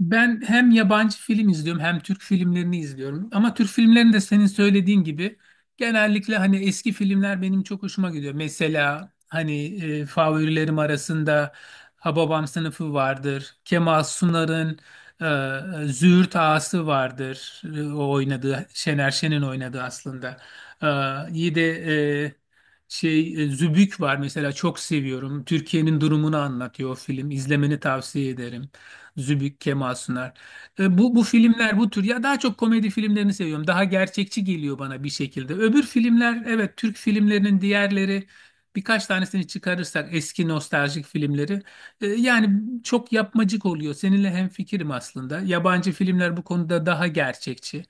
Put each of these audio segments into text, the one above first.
Ben hem yabancı film izliyorum hem Türk filmlerini izliyorum. Ama Türk filmlerini de senin söylediğin gibi genellikle hani eski filmler benim çok hoşuma gidiyor. Mesela hani favorilerim arasında Hababam Sınıfı vardır. Kemal Sunar'ın Züğürt Ağası vardır. O oynadığı Şener Şen'in oynadığı aslında. İyi de e, Zübük var mesela çok seviyorum. Türkiye'nin durumunu anlatıyor o film. İzlemeni tavsiye ederim. Zübük, Kemal Sunar. Bu filmler bu tür ya daha çok komedi filmlerini seviyorum. Daha gerçekçi geliyor bana bir şekilde. Öbür filmler evet Türk filmlerinin diğerleri birkaç tanesini çıkarırsak eski nostaljik filmleri yani çok yapmacık oluyor. Seninle hemfikirim aslında. Yabancı filmler bu konuda daha gerçekçi.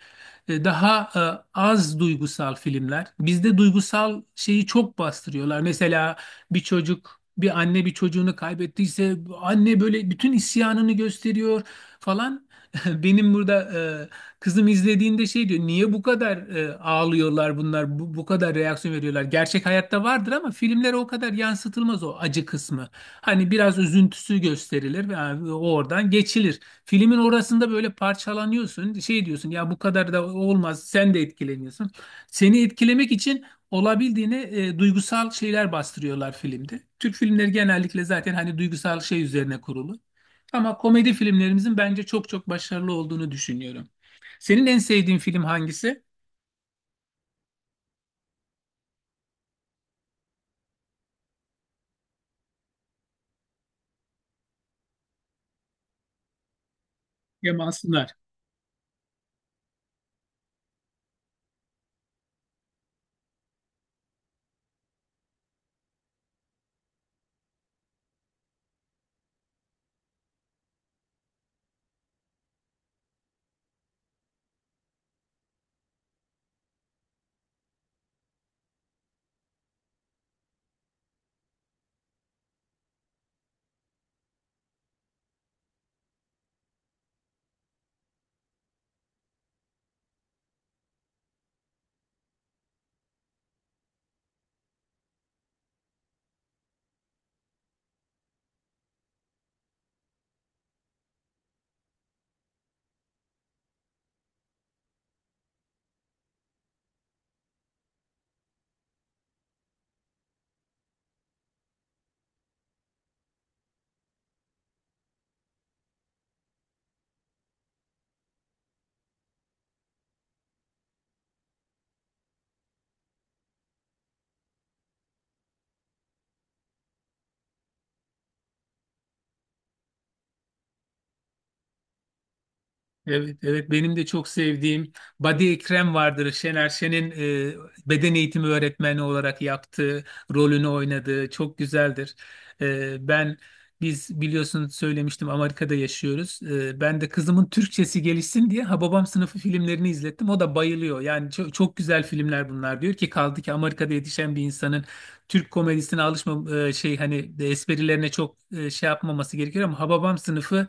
Daha az duygusal filmler. Bizde duygusal şeyi çok bastırıyorlar. Mesela bir çocuk, bir anne bir çocuğunu kaybettiyse anne böyle bütün isyanını gösteriyor falan. Benim burada kızım izlediğinde şey diyor. Niye bu kadar ağlıyorlar bunlar? Bu kadar reaksiyon veriyorlar. Gerçek hayatta vardır ama filmlere o kadar yansıtılmaz o acı kısmı. Hani biraz üzüntüsü gösterilir ve yani o oradan geçilir. Filmin orasında böyle parçalanıyorsun. Şey diyorsun ya bu kadar da olmaz. Sen de etkileniyorsun. Seni etkilemek için olabildiğine duygusal şeyler bastırıyorlar filmde. Türk filmleri genellikle zaten hani duygusal şey üzerine kurulu. Ama komedi filmlerimizin bence çok çok başarılı olduğunu düşünüyorum. Senin en sevdiğin film hangisi? Kemal Sunal. Evet, evet benim de çok sevdiğim Badi Ekrem vardır. Şener Şen'in e, beden eğitimi öğretmeni olarak yaptığı rolünü oynadığı çok güzeldir. E, ben Biz biliyorsun söylemiştim Amerika'da yaşıyoruz. Ben de kızımın Türkçesi gelişsin diye Hababam sınıfı filmlerini izlettim. O da bayılıyor. Yani çok, çok güzel filmler bunlar diyor ki kaldı ki Amerika'da yetişen bir insanın Türk komedisine alışma şey hani esprilerine çok şey yapmaması gerekiyor ama Hababam sınıfı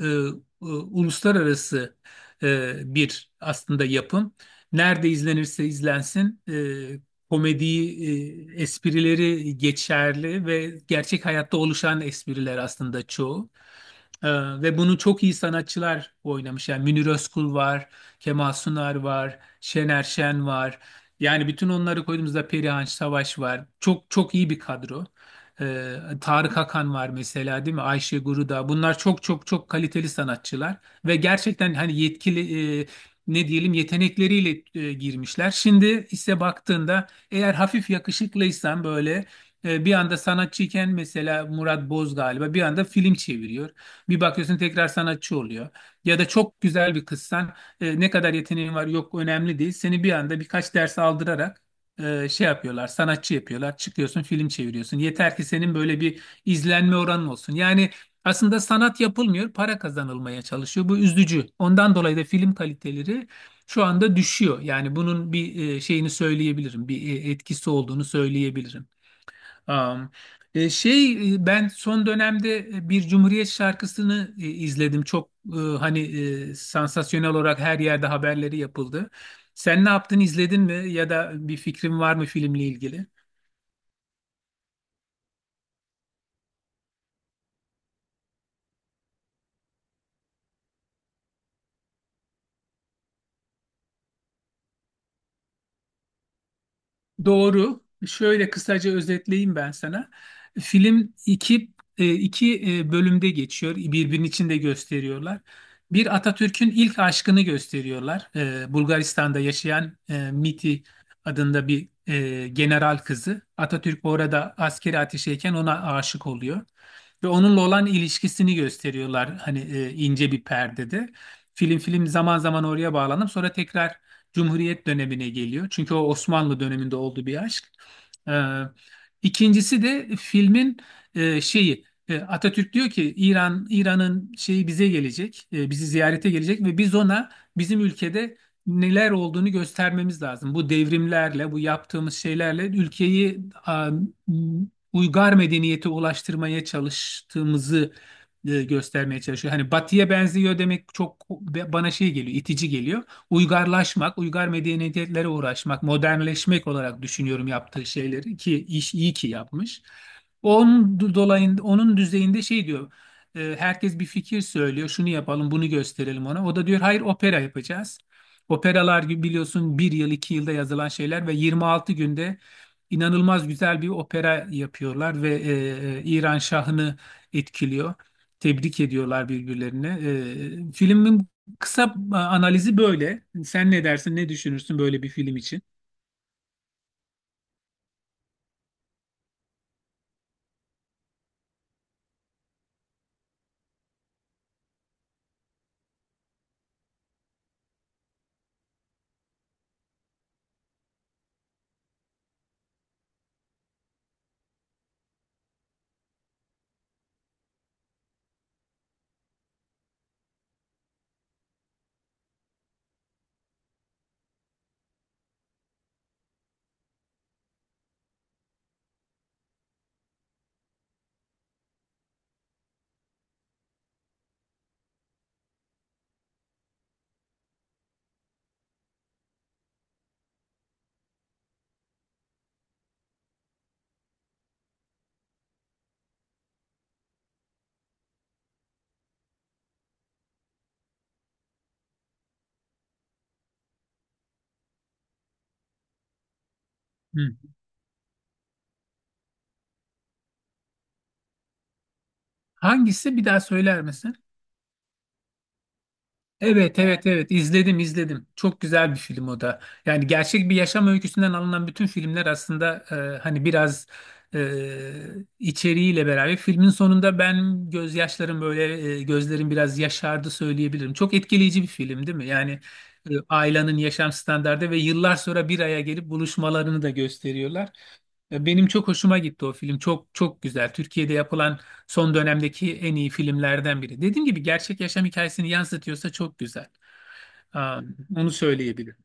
e, uluslararası bir aslında yapım. Nerede izlenirse izlensin komediyi, esprileri geçerli ve gerçek hayatta oluşan espriler aslında çoğu. E, Ve bunu çok iyi sanatçılar oynamış. Yani Münir Özkul var, Kemal Sunar var, Şener Şen var. Yani bütün onları koyduğumuzda Perihan Savaş var. Çok çok iyi bir kadro. Tarık Akan var mesela değil mi? Ayşe Guruda. Bunlar çok çok çok kaliteli sanatçılar ve gerçekten hani yetkili ne diyelim yetenekleriyle girmişler. Şimdi ise baktığında eğer hafif yakışıklıysan böyle bir anda sanatçıyken mesela Murat Boz galiba bir anda film çeviriyor. Bir bakıyorsun tekrar sanatçı oluyor. Ya da çok güzel bir kızsan ne kadar yeteneğin var yok önemli değil. Seni bir anda birkaç ders aldırarak şey yapıyorlar, sanatçı yapıyorlar. Çıkıyorsun, film çeviriyorsun. Yeter ki senin böyle bir izlenme oranın olsun. Yani aslında sanat yapılmıyor, para kazanılmaya çalışıyor. Bu üzücü. Ondan dolayı da film kaliteleri şu anda düşüyor. Yani bunun bir şeyini söyleyebilirim, bir etkisi olduğunu söyleyebilirim. Am, e, şey e, Ben son dönemde bir Cumhuriyet şarkısını izledim. Çok hani sansasyonel olarak her yerde haberleri yapıldı. Sen ne yaptın, izledin mi ya da bir fikrin var mı filmle ilgili? Doğru. Şöyle kısaca özetleyeyim ben sana. Film bölümde geçiyor. Birbirinin içinde gösteriyorlar. Bir Atatürk'ün ilk aşkını gösteriyorlar. Bulgaristan'da yaşayan Miti adında bir general kızı. Atatürk orada askeri ateşeyken ona aşık oluyor. Ve onunla olan ilişkisini gösteriyorlar. Hani ince bir perdede. Film zaman zaman oraya bağlanıp sonra tekrar Cumhuriyet dönemine geliyor. Çünkü o Osmanlı döneminde olduğu bir aşk. Ee, İkincisi de filmin şeyi, Atatürk diyor ki İran'ın şeyi bize gelecek, bizi ziyarete gelecek ve biz ona bizim ülkede neler olduğunu göstermemiz lazım. Bu devrimlerle, bu yaptığımız şeylerle ülkeyi a, uygar medeniyete ulaştırmaya çalıştığımızı göstermeye çalışıyor. Hani Batı'ya benziyor demek çok bana şey geliyor, itici geliyor uygarlaşmak, uygar medeniyetlere uğraşmak, modernleşmek olarak düşünüyorum yaptığı şeyleri ki iyi ki yapmış. Onun dolayında onun düzeyinde şey diyor. Herkes bir fikir söylüyor. Şunu yapalım, bunu gösterelim ona. O da diyor hayır opera yapacağız. Operalar gibi biliyorsun bir yıl iki yılda yazılan şeyler ve 26 günde inanılmaz güzel bir opera yapıyorlar ve İran şahını etkiliyor. Tebrik ediyorlar birbirlerini. Filmin kısa analizi böyle. Sen ne dersin, ne düşünürsün böyle bir film için? Hı. Hangisi bir daha söyler misin? Evet evet evet izledim izledim. Çok güzel bir film o da. Yani gerçek bir yaşam öyküsünden alınan bütün filmler aslında hani biraz e, içeriğiyle beraber filmin sonunda ben gözyaşlarım böyle gözlerim biraz yaşardı söyleyebilirim. Çok etkileyici bir film değil mi? Yani ailenin yaşam standardı ve yıllar sonra bir araya gelip buluşmalarını da gösteriyorlar. Benim çok hoşuma gitti o film. Çok çok güzel. Türkiye'de yapılan son dönemdeki en iyi filmlerden biri. Dediğim gibi gerçek yaşam hikayesini yansıtıyorsa çok güzel. Aa, Onu söyleyebilirim.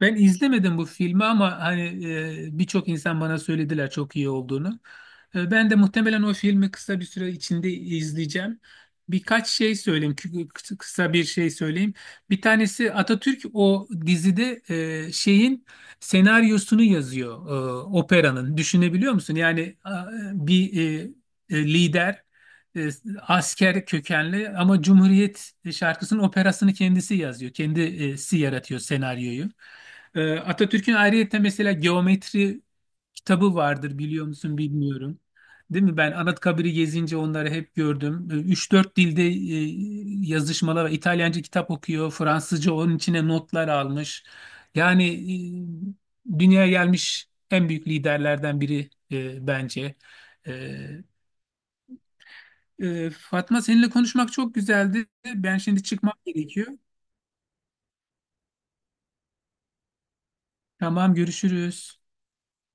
Ben izlemedim bu filmi ama hani birçok insan bana söylediler çok iyi olduğunu. Ben de muhtemelen o filmi kısa bir süre içinde izleyeceğim. Birkaç şey söyleyeyim, kısa bir şey söyleyeyim. Bir tanesi Atatürk o dizide şeyin senaryosunu yazıyor, operanın. Düşünebiliyor musun? Yani bir lider, e, asker kökenli ama Cumhuriyet şarkısının operasını kendisi yazıyor. Kendisi yaratıyor senaryoyu. Atatürk'ün ayrıyeten mesela geometri kitabı vardır biliyor musun bilmiyorum. Değil mi? Ben Anıtkabir'i gezince onları hep gördüm. Üç dört dilde yazışmalar var. İtalyanca kitap okuyor. Fransızca onun içine notlar almış. Yani dünyaya gelmiş en büyük liderlerden biri, bence. E, Fatma, seninle konuşmak çok güzeldi. Ben şimdi çıkmam gerekiyor. Tamam, görüşürüz.